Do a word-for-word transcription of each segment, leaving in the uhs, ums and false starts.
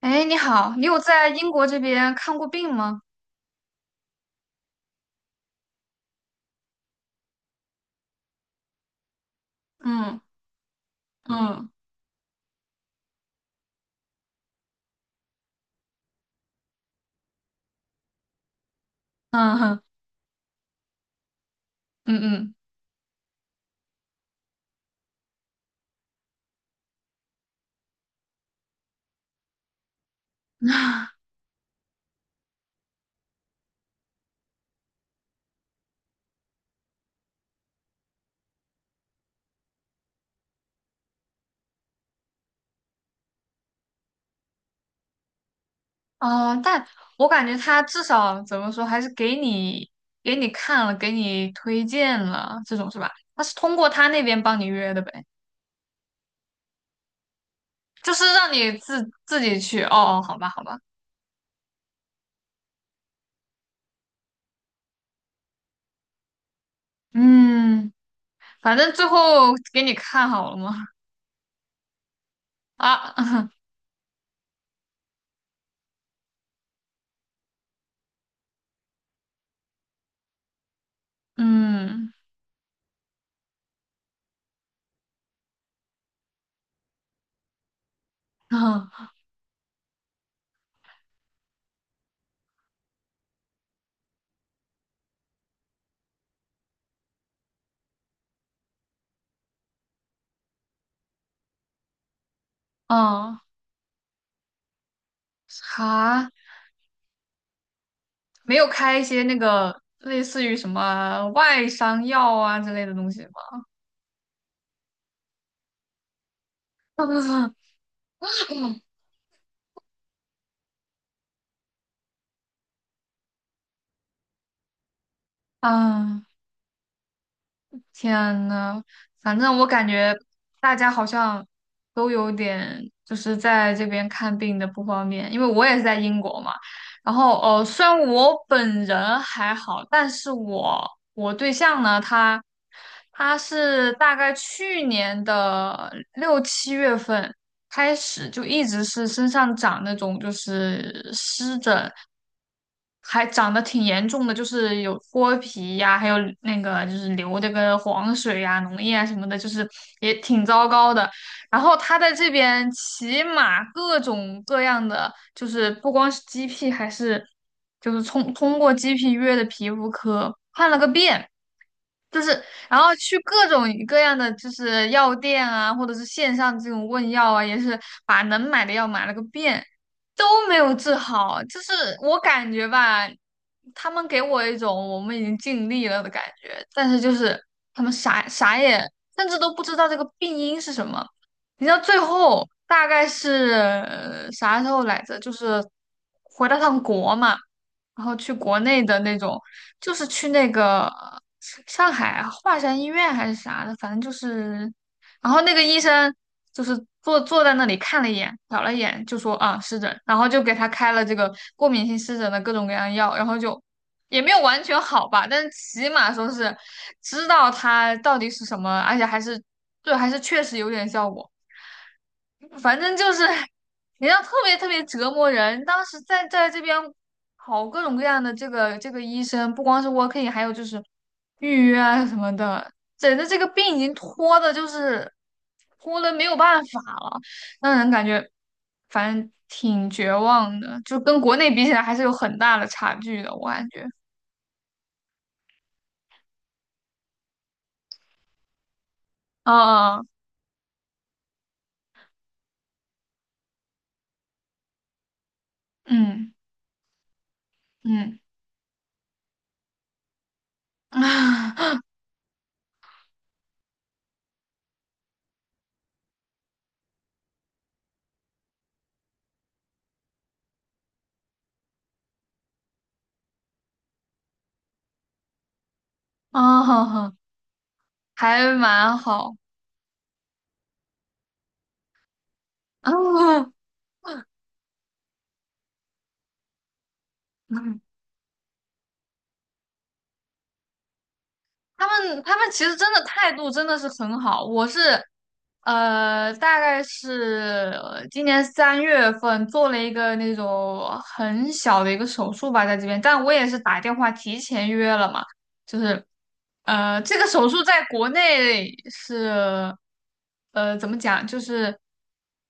哎，你好，你有在英国这边看过病吗？嗯。嗯。嗯哼。嗯。嗯。啊哦，但我感觉他至少怎么说，还是给你给你看了，给你推荐了，这种是吧？他是通过他那边帮你约的呗，就是让你自自己去。哦哦，好吧好吧，嗯，反正最后给你看好了吗？啊，嗯。 嗯。哦，啥？没有开一些那个类似于什么外伤药啊之类的东西吗？啊，天呐，反正我感觉大家好像都有点就是在这边看病的不方便，因为我也是在英国嘛。然后呃，虽然我本人还好，但是我我对象呢，他他是大概去年的六七月份开始就一直是身上长那种就是湿疹，还长得挺严重的，就是有脱皮呀、还有那个就是流这个黄水呀、脓液啊什么的，就是也挺糟糕的。然后他在这边骑马，各种各样的，就是不光是 G P，还是就是通通过 G P 约的皮肤科看了个遍，就是然后去各种各样的就是药店啊，或者是线上这种问药啊，也是把能买的药买了个遍。都没有治好，就是我感觉吧，他们给我一种我们已经尽力了的感觉，但是就是他们啥啥也，甚至都不知道这个病因是什么。你知道最后大概是呃啥时候来着？就是回到趟国嘛，然后去国内的那种，就是去那个上海华山医院还是啥的，反正就是。然后那个医生就是坐坐在那里看了一眼，瞟了一眼，就说啊湿疹，然后就给他开了这个过敏性湿疹的各种各样药，然后就也没有完全好吧，但是起码说是知道它到底是什么，而且还是对，还是确实有点效果。反正就是，人家特别特别折磨人。当时在在这边跑各种各样的这个这个医生，不光是 w o r k in，还有就是预约啊什么的，整的这个病已经拖的，就是拖的没有办法了，让人感觉反正挺绝望的，就跟国内比起来还是有很大的差距的，我感觉。啊，嗯。嗯。 啊，还蛮好，啊，嗯。他们他们其实真的态度真的是很好。我是，呃，大概是呃今年三月份做了一个那种很小的一个手术吧，在这边，但我也是打电话提前约了嘛，就是，呃，这个手术在国内是，呃，怎么讲，就是。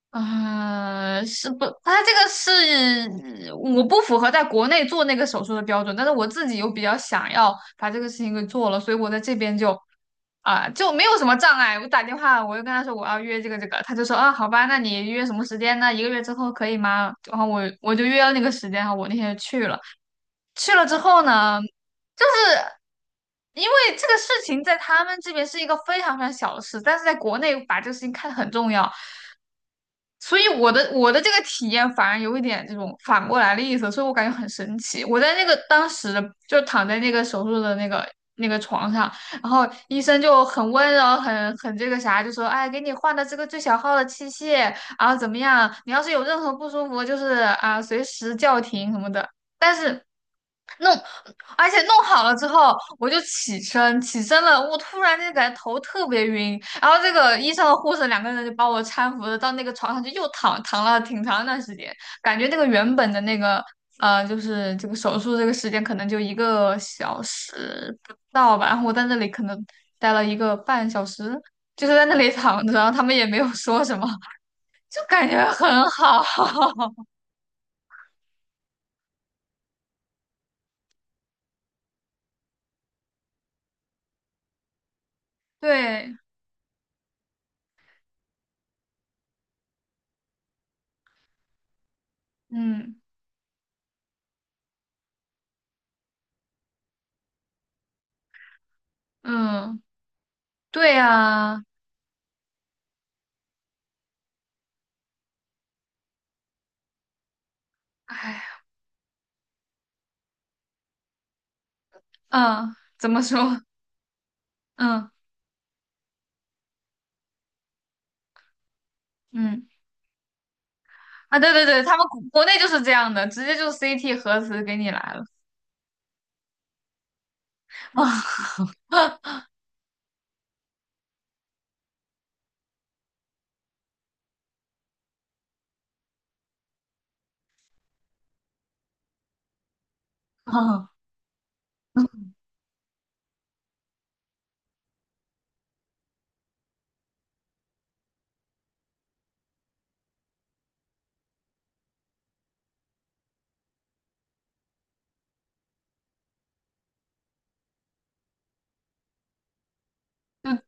啊，是不，他这个是我不符合在国内做那个手术的标准，但是我自己又比较想要把这个事情给做了，所以我在这边就啊、就没有什么障碍。我打电话，我就跟他说我要约这个这个，他就说啊好吧，那你约什么时间呢？一个月之后可以吗？然后我我就约了那个时间，然后我那天就去了。去了之后呢，因为这个事情在他们这边是一个非常非常小的事，但是在国内把这个事情看得很重要。所以我的我的这个体验反而有一点这种反过来的意思，所以我感觉很神奇。我在那个当时的就躺在那个手术的那个那个床上，然后医生就很温柔，很很这个啥，就说哎，给你换的这个最小号的器械，然后怎么样？你要是有任何不舒服，就是啊，随时叫停什么的。但是弄，而且弄好了之后，我就起身，起身了，我突然间感觉头特别晕，然后这个医生和护士两个人就把我搀扶着到那个床上去，又躺躺了挺长一段时间，感觉那个原本的那个呃，就是这个手术这个时间可能就一个小时不到吧，然后我在那里可能待了一个半小时，就是在那里躺着，然后他们也没有说什么，就感觉很好，对，嗯。嗯，对啊。唉，嗯，怎么说？嗯。嗯。啊，对对对，他们国国内就是这样的，直接就 C T 核磁给你来了，啊、啊，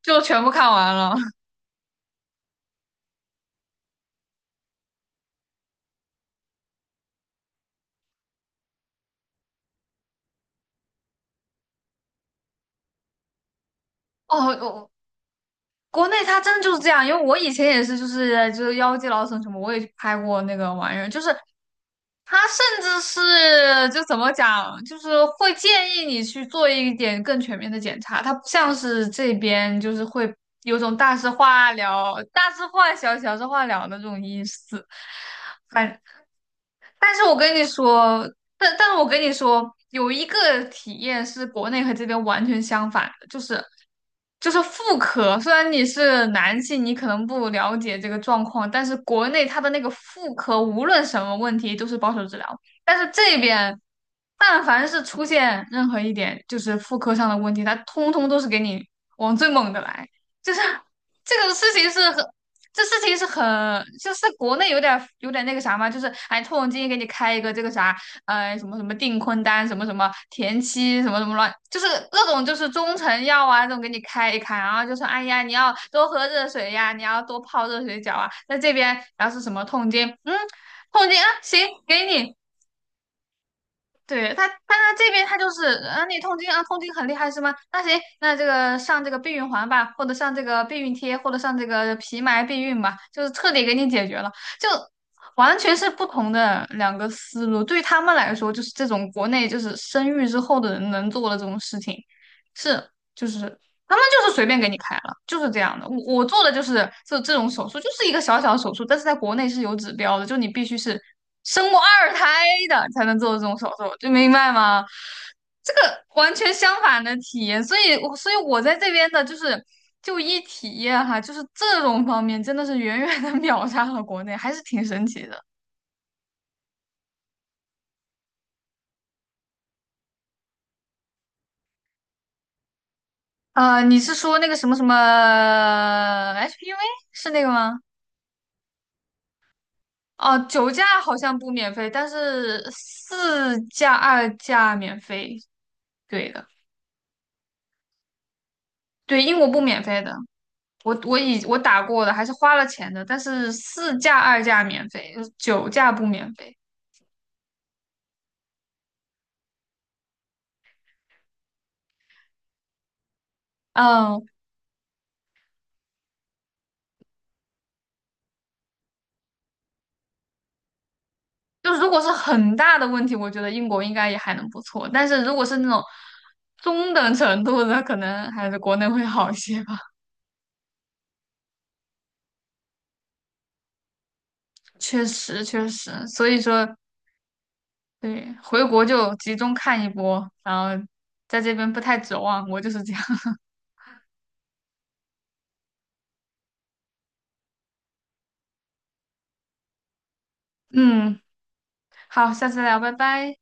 就就全部看完了。哦，国内它真的就是这样，因为我以前也是，就是就是《腰肌劳损什么，我也去拍过那个玩意儿，就是它甚至是就怎么讲，就是会建议你去做一点更全面的检查，它不像是这边就是会有种大事化了、大事化小、小事化了的这种意思。反。但是我跟你说，但但是我跟你说，有一个体验是国内和这边完全相反的，就是就是妇科。虽然你是男性，你可能不了解这个状况，但是国内它的那个妇科无论什么问题都是保守治疗，但是这边但凡是出现任何一点就是妇科上的问题，它通通都是给你往最猛的来，就是。这个事情是很这事情是很，就是国内有点有点那个啥嘛，就是哎，痛经给你开一个这个啥，呃，什么什么订婚单，什么什么田七，什么什么乱，就是各种就是中成药啊，这种给你开一开，然后就说，哎呀，你要多喝热水呀，你要多泡热水脚啊，在这边，然后是什么痛经，嗯，痛经啊，行，给你，对他，他他这边他就是啊，你痛经啊，痛经很厉害是吗？那行，那这个上这个避孕环吧，或者上这个避孕贴，或者上这个皮埋避孕吧，就是彻底给你解决了，就完全是不同的两个思路。对他们来说，就是这种国内就是生育之后的人能做的这种事情，是就是他们就是随便给你开了，就是这样的。我我做的就是这这种手术，就是一个小小的手术，但是在国内是有指标的，就你必须是生过二胎的才能做这种手术，就明白吗？这个完全相反的体验，所以我所以我在这边的就是就医体验哈，就是这种方面真的是远远的 秒杀了国内，还是挺神奇的。啊，你是说那个什么什么 H P V 是那个吗？哦，九价好像不免费，但是四价、二价免费。对的，对，英国不免费的。我我以我打过的，还是花了钱的，但是四价、二价免费，就是九价不免费。嗯，就是如果是很大的问题，我觉得英国应该也还能不错。但是如果是那种中等程度的，可能还是国内会好一些吧。确实，确实，所以说。对，回国就集中看一波，然后在这边不太指望，我就是这样。嗯，好，下次聊，拜拜。